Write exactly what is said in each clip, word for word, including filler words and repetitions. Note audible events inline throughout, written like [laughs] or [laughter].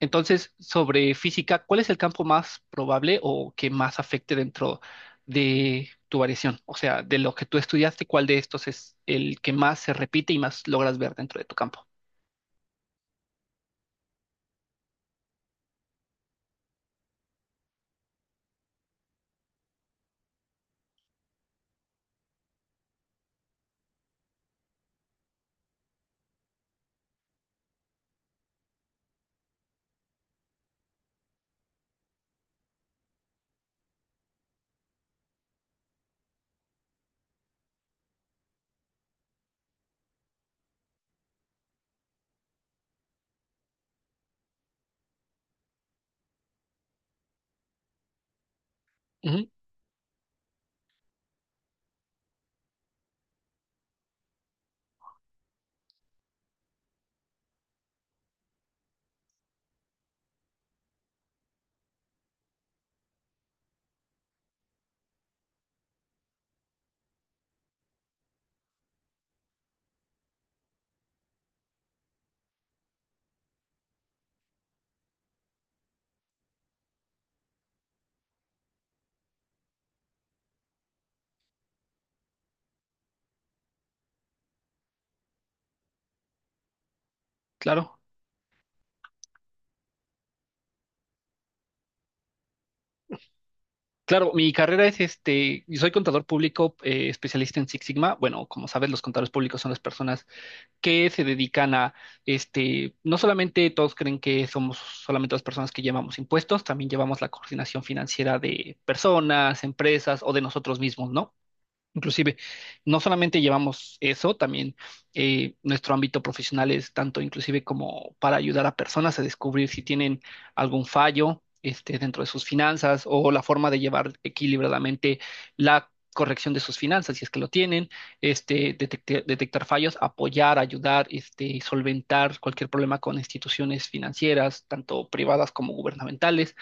Entonces, sobre física, ¿cuál es el campo más probable o que más afecte dentro de tu variación? O sea, de lo que tú estudiaste, ¿cuál de estos es el que más se repite y más logras ver dentro de tu campo? Ujú. Claro. Claro, mi carrera es este, yo soy contador público, eh, especialista en Six Sigma. Bueno, como sabes, los contadores públicos son las personas que se dedican a este, no solamente todos creen que somos solamente las personas que llevamos impuestos, también llevamos la coordinación financiera de personas, empresas o de nosotros mismos, ¿no? Inclusive, no solamente llevamos eso, también eh, nuestro ámbito profesional es tanto inclusive como para ayudar a personas a descubrir si tienen algún fallo este, dentro de sus finanzas o la forma de llevar equilibradamente la corrección de sus finanzas, si es que lo tienen, este, detecte- detectar fallos, apoyar, ayudar, este, solventar cualquier problema con instituciones financieras, tanto privadas como gubernamentales.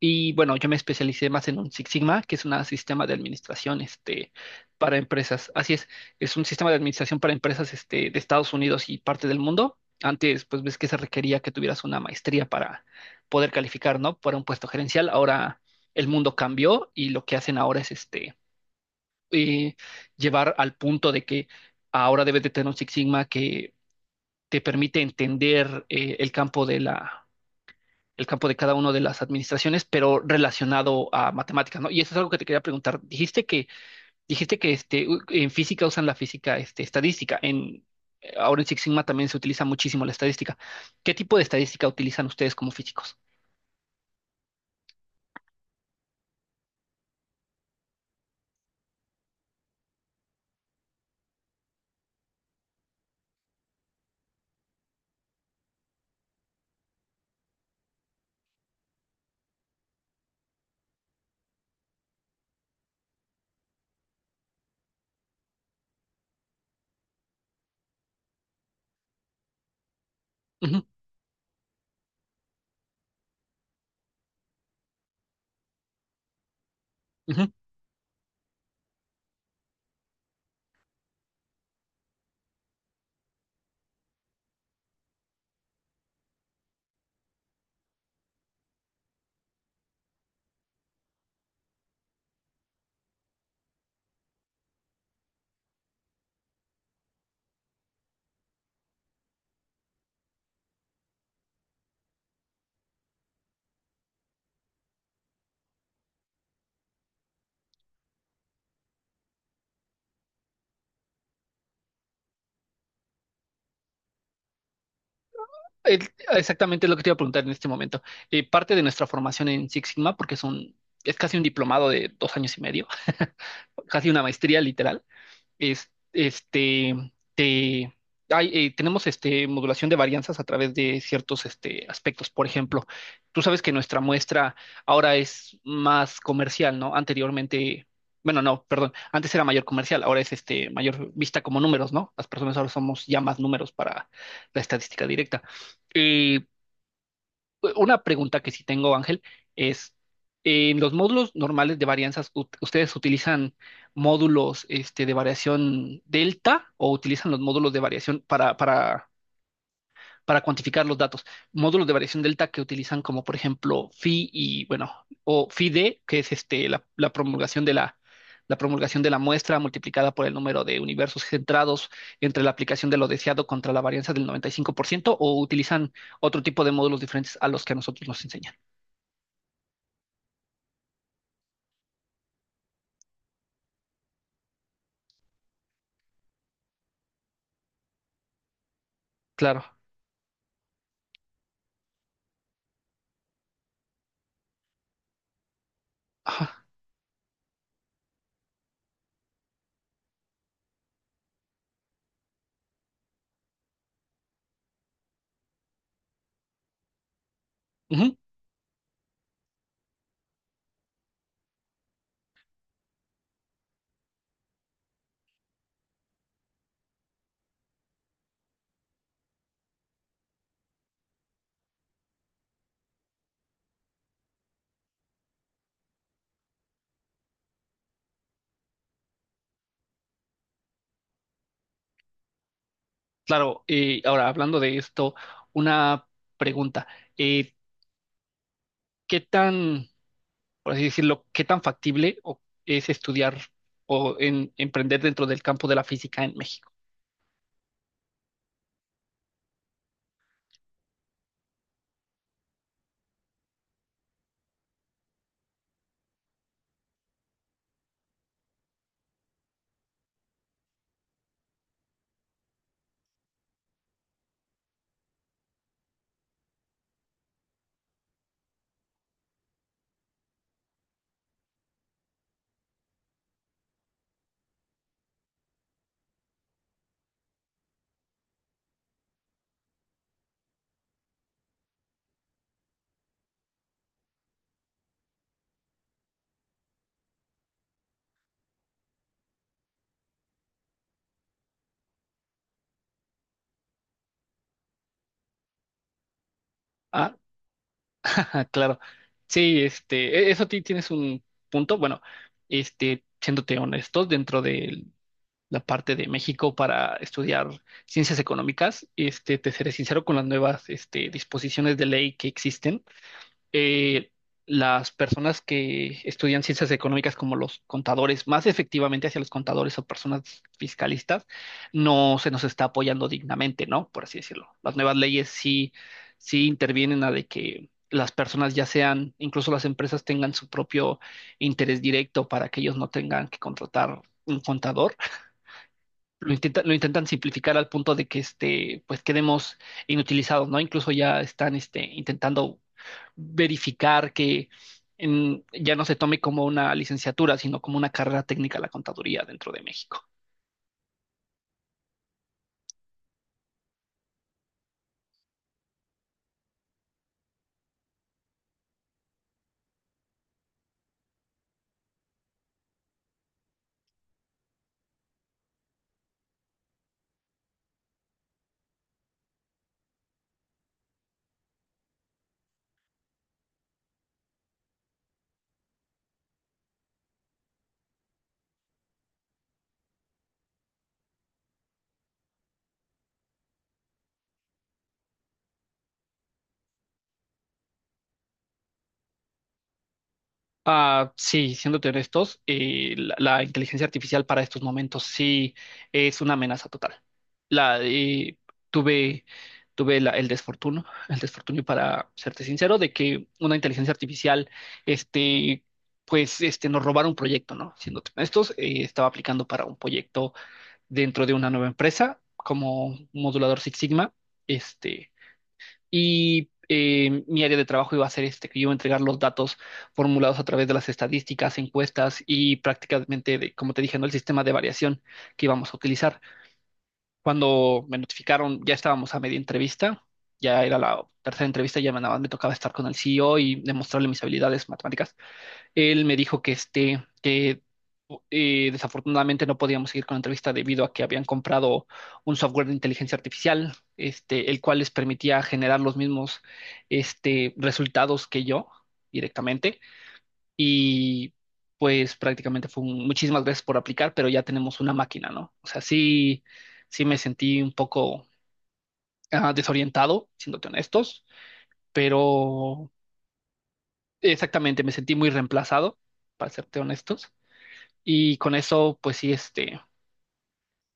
Y bueno, yo me especialicé más en un Six Sigma, que es un sistema de administración este, para empresas. Así es, es un sistema de administración para empresas este, de Estados Unidos y parte del mundo. Antes, pues ves que se requería que tuvieras una maestría para poder calificar, ¿no? Para un puesto gerencial. Ahora el mundo cambió y lo que hacen ahora es este, eh, llevar al punto de que ahora debes de tener un Six Sigma que te permite entender eh, el campo de la el campo de cada una de las administraciones, pero relacionado a matemáticas, ¿no? Y eso es algo que te quería preguntar. Dijiste que, dijiste que este, u- en física usan la física este, estadística. En, ahora en Six Sigma también se utiliza muchísimo la estadística. ¿Qué tipo de estadística utilizan ustedes como físicos? Ujú, ujú. El- exactamente es lo que te iba a preguntar en este momento. Eh, parte de nuestra formación en Six Sigma, porque es un- es casi un diplomado de dos años y medio, [laughs] casi una maestría literal es- este, te- hay, eh, tenemos este, modulación de varianzas a través de ciertos este, aspectos. Por ejemplo, tú sabes que nuestra muestra ahora es más comercial, ¿no? Anteriormente, bueno, no, perdón, antes era mayor comercial, ahora es este, mayor vista como números, ¿no? Las personas ahora somos ya más números para la estadística directa. Eh, eh, Una pregunta que sí tengo, Ángel, es, eh, en los módulos normales de varianzas, ¿u- ustedes utilizan módulos este, de variación delta o utilizan los módulos de variación para, para para cuantificar los datos? Módulos de variación delta que utilizan como, por ejemplo, phi y, bueno, o phi d, que es este, la, la promulgación de la, la promulgación de la muestra multiplicada por el número de universos centrados entre la aplicación de lo deseado contra la varianza del noventa y cinco por ciento, o utilizan otro tipo de módulos diferentes a los que a nosotros nos enseñan. Claro. Ajá. Ujú. Claro, eh, ahora hablando de esto, una pregunta. Eh, ¿qué tan por así decirlo, qué tan factible o- es estudiar o en- emprender dentro del campo de la física en México? Ah, [laughs] ajá, claro. Sí, este, e- eso ti- tienes un punto. Bueno, este, siéndote honestos, dentro de la parte de México para estudiar ciencias económicas, este, te seré sincero con las nuevas, este, disposiciones de ley que existen. eh, las personas que estudian ciencias económicas como los contadores, más efectivamente hacia los contadores o personas fiscalistas, no se nos está apoyando dignamente, ¿no? Por así decirlo. Las nuevas leyes sí, sí intervienen a de que las personas ya sean, incluso las empresas tengan su propio interés directo para que ellos no tengan que contratar un contador. Lo intenta lo intentan simplificar al punto de que este, pues quedemos inutilizados, ¿no? Incluso ya están este, intentando verificar que en- ya no se tome como una licenciatura, sino como una carrera técnica la contaduría dentro de México. Ah, sí, siéndote honestos, eh, la, la inteligencia artificial para estos momentos sí es una amenaza total. La, eh, tuve tuve la- el desfortuno, el desfortunio para serte sincero, de que una inteligencia artificial, este, pues, este, nos robara un proyecto, ¿no? Siéndote honestos, eh, estaba aplicando para un proyecto dentro de una nueva empresa como modulador Six Sigma, este. Y eh, mi área de trabajo iba a ser este, que yo iba a entregar los datos formulados a través de las estadísticas, encuestas y prácticamente, de- como te dije, ¿no? El sistema de variación que íbamos a utilizar. Cuando me notificaron, ya estábamos a media entrevista, ya era la tercera entrevista, ya me, nada más me tocaba estar con el C E O y demostrarle mis habilidades matemáticas. Él me dijo que este, que eh, desafortunadamente no podíamos seguir con la entrevista debido a que habían comprado un software de inteligencia artificial, este, el cual les permitía generar los mismos, este, resultados que yo directamente. Y pues prácticamente fue un, muchísimas gracias por aplicar, pero ya tenemos una máquina, ¿no? O sea, sí, sí me sentí un poco ah, desorientado, siéndote honestos, pero exactamente me sentí muy reemplazado, para serte honestos. Y con eso, pues sí, este,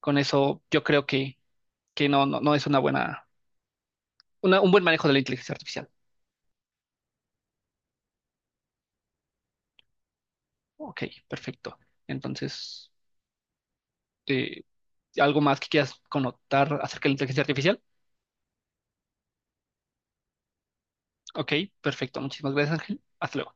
con eso yo creo que, que no, no, no es una buena, una- un buen manejo de la inteligencia artificial. Ok, perfecto. Entonces, eh, ¿algo más que quieras connotar acerca de la inteligencia artificial? Ok, perfecto. Muchísimas gracias, Ángel. Hasta luego.